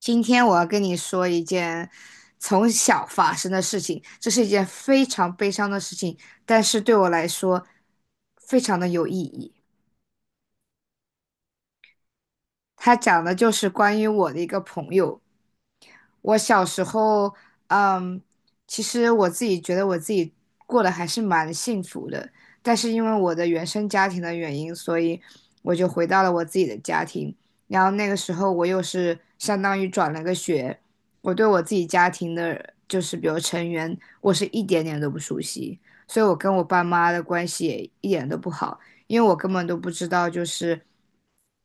今天我要跟你说一件从小发生的事情，这是一件非常悲伤的事情，但是对我来说非常的有意义。它讲的就是关于我的一个朋友，我小时候，嗯，其实我自己觉得我自己过得还是蛮幸福的，但是因为我的原生家庭的原因，所以我就回到了我自己的家庭。然后那个时候我又是相当于转了个学，我对我自己家庭的，就是比如成员，我是一点点都不熟悉，所以我跟我爸妈的关系也一点都不好，因为我根本都不知道就是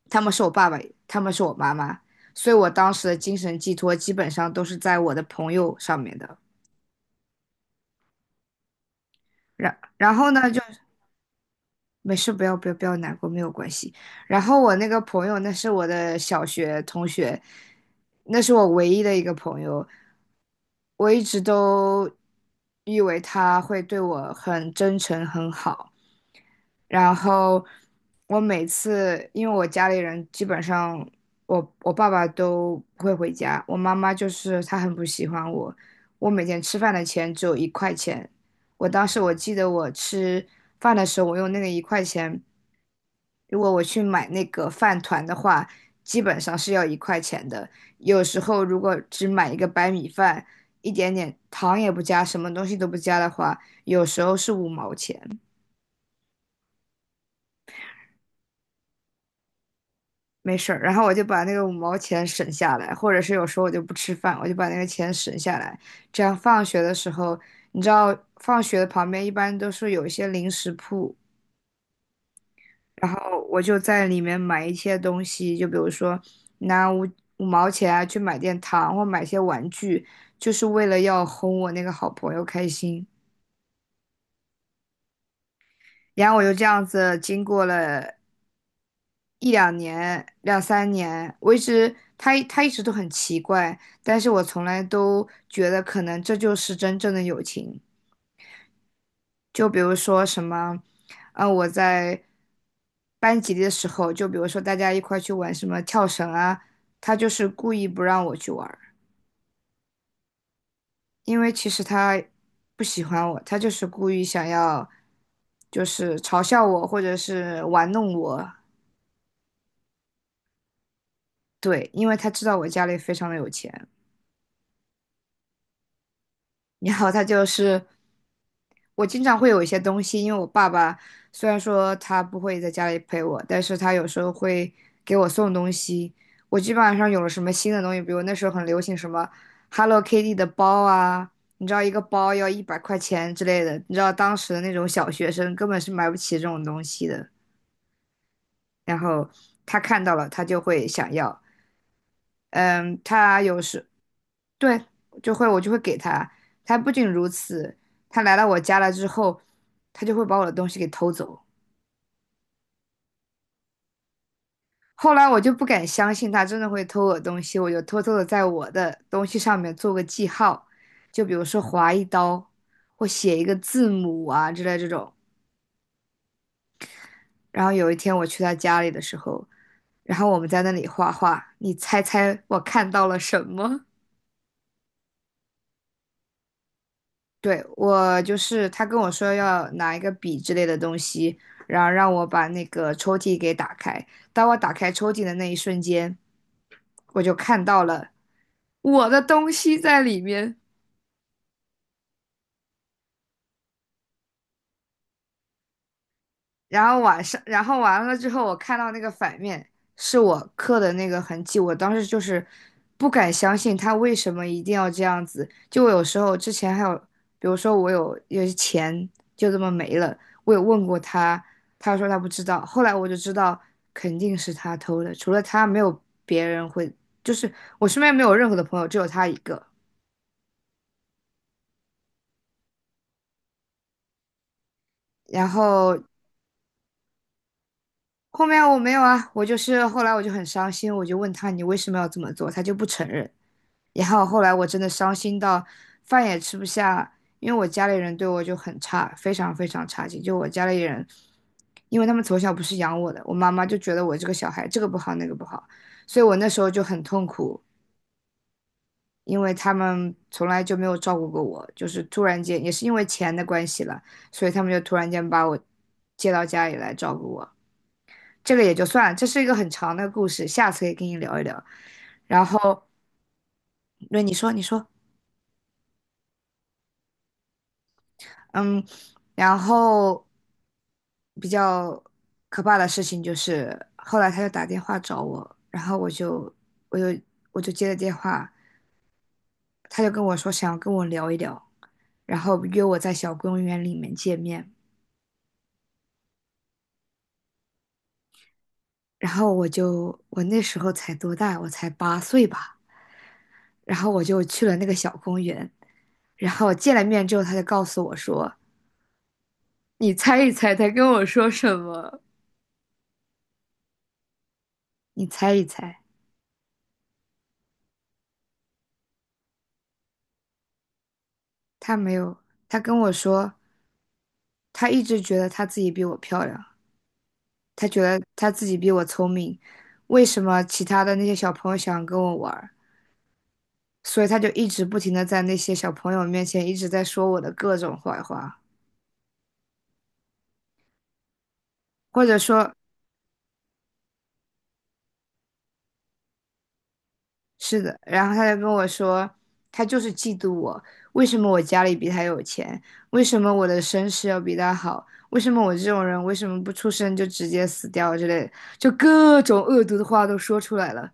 他们是我爸爸，他们是我妈妈。所以我当时的精神寄托基本上都是在我的朋友上面的。然后呢，没事，不要不要不要难过，没有关系。然后我那个朋友，那是我的小学同学，那是我唯一的一个朋友。我一直都以为他会对我很真诚、很好，然后我每次，因为我家里人基本上我爸爸都不会回家，我妈妈就是她很不喜欢我。我每天吃饭的钱只有一块钱，我当时我记得我吃饭的时候，我用那个一块钱，如果我去买那个饭团的话，基本上是要一块钱的。有时候如果只买一个白米饭，一点点糖也不加，什么东西都不加的话，有时候是五毛钱。没事儿，然后我就把那个五毛钱省下来，或者是有时候我就不吃饭，我就把那个钱省下来，这样放学的时候，你知道放学的旁边一般都是有一些零食铺，然后我就在里面买一些东西，就比如说拿五毛钱啊去买点糖或买些玩具，就是为了要哄我那个好朋友开心。然后我就这样子经过了一两年、两三年，我一直他一直都很奇怪，但是我从来都觉得可能这就是真正的友情。就比如说什么，我在班级里的时候，就比如说大家一块去玩什么跳绳啊，他就是故意不让我去玩儿。因为其实他不喜欢我，他就是故意想要就是嘲笑我或者是玩弄我。对，因为他知道我家里非常的有钱。然后他就是我经常会有一些东西，因为我爸爸虽然说他不会在家里陪我，但是他有时候会给我送东西。我基本上有了什么新的东西，比如那时候很流行什么 Hello Kitty 的包啊，你知道一个包要100块钱之类的，你知道当时的那种小学生根本是买不起这种东西的。然后他看到了，他就会想要。嗯，他有时对，我就会给他。他不仅如此，他来到我家了之后，他就会把我的东西给偷走。后来我就不敢相信他真的会偷我东西，我就偷偷的在我的东西上面做个记号，就比如说划一刀，或写一个字母啊之类这种。然后有一天我去他家里的时候，然后我们在那里画画，你猜猜我看到了什么？对，我就是他跟我说要拿一个笔之类的东西，然后让我把那个抽屉给打开。当我打开抽屉的那一瞬间，我就看到了我的东西在里面。然后晚上，然后完了之后，我看到那个反面是我刻的那个痕迹，我当时就是不敢相信他为什么一定要这样子。就我有时候之前还有，比如说我有些钱就这么没了，我有问过他，他说他不知道。后来我就知道肯定是他偷的，除了他没有别人会，就是我身边没有任何的朋友，只有他一个。然后后面我没有啊，我就是后来我就很伤心，我就问他你为什么要这么做，他就不承认。然后后来我真的伤心到饭也吃不下，因为我家里人对我就很差，非常非常差劲。就我家里人，因为他们从小不是养我的，我妈妈就觉得我这个小孩这个不好那个不好，所以我那时候就很痛苦，因为他们从来就没有照顾过我，就是突然间也是因为钱的关系了，所以他们就突然间把我接到家里来照顾我。这个也就算了，这是一个很长的故事，下次可以跟你聊一聊。然后，那你说，你说。嗯，然后比较可怕的事情就是，后来他就打电话找我，然后我就我就接了电话，他就跟我说想要跟我聊一聊，然后约我在小公园里面见面，然后我那时候才多大，我才八岁吧，然后我就去了那个小公园，然后见了面之后，他就告诉我说，你猜一猜他跟我说什么？你猜一猜，他没有，他跟我说。他一直觉得他自己比我漂亮，他觉得他自己比我聪明。为什么其他的那些小朋友想跟我玩儿？所以他就一直不停的在那些小朋友面前一直在说我的各种坏话，或者说是的。然后他就跟我说，他就是嫉妒我，为什么我家里比他有钱？为什么我的身世要比他好？为什么我这种人为什么不出生就直接死掉之类的，就各种恶毒的话都说出来了。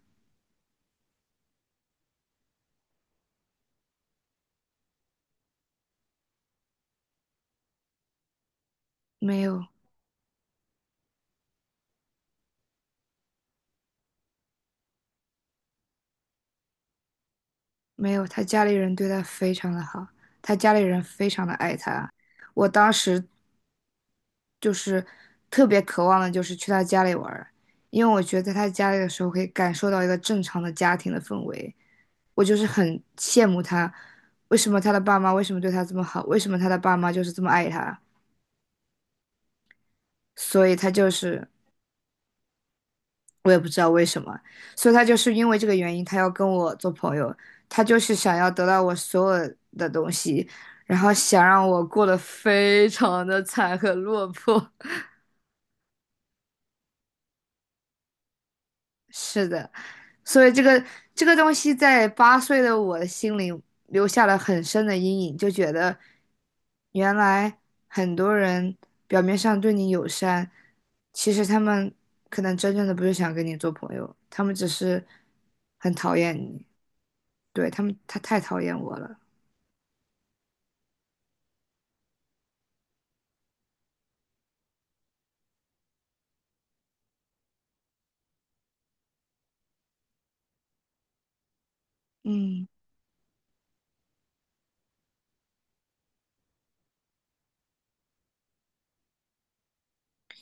没有，没有，他家里人对他非常的好，他家里人非常的爱他。我当时就是特别渴望的，就是去他家里玩儿，因为我觉得在他家里的时候可以感受到一个正常的家庭的氛围。我就是很羡慕他，为什么他的爸妈为什么对他这么好，为什么他的爸妈就是这么爱他，所以他就是我也不知道为什么，所以他就是因为这个原因，他要跟我做朋友，他就是想要得到我所有的东西，然后想让我过得非常的惨和落魄。是的，所以这个东西在八岁的我的心里留下了很深的阴影，就觉得原来很多人表面上对你友善，其实他们可能真正的不是想跟你做朋友，他们只是很讨厌你。对，他们，他太讨厌我了。嗯，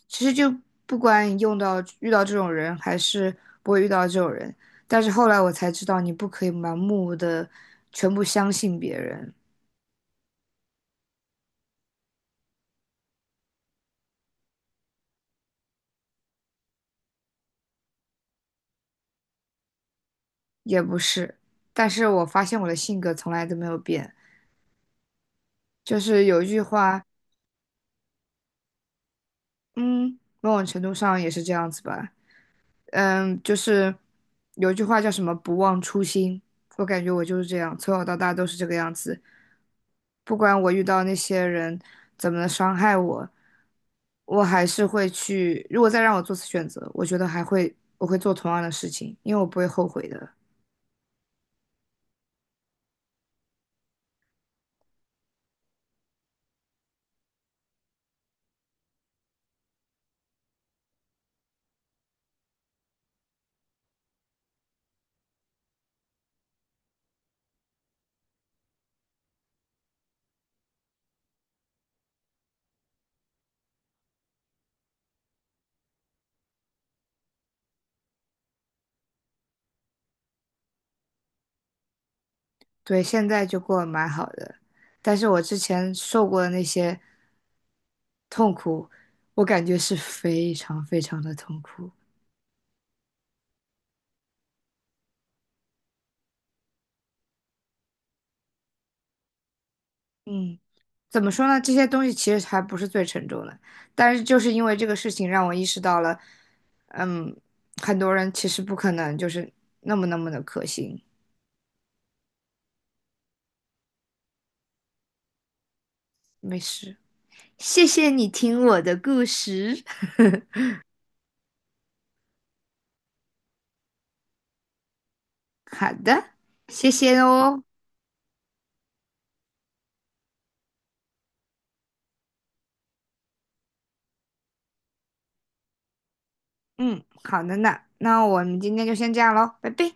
其实就不管你用到遇到这种人，还是不会遇到这种人，但是后来我才知道，你不可以盲目的全部相信别人，也不是。但是我发现我的性格从来都没有变，就是有一句话，嗯，某种程度上也是这样子吧。嗯，就是有一句话叫什么“不忘初心”，我感觉我就是这样，从小到大都是这个样子。不管我遇到那些人怎么伤害我，我还是会去。如果再让我做次选择，我觉得还会，我会做同样的事情，因为我不会后悔的。对，现在就过得蛮好的，但是我之前受过的那些痛苦，我感觉是非常非常的痛苦。嗯，怎么说呢？这些东西其实还不是最沉重的，但是就是因为这个事情让我意识到了，嗯，很多人其实不可能就是那么那么的可信。没事，谢谢你听我的故事。好的，谢谢哦。嗯，好的呢，那我们今天就先这样喽，拜拜。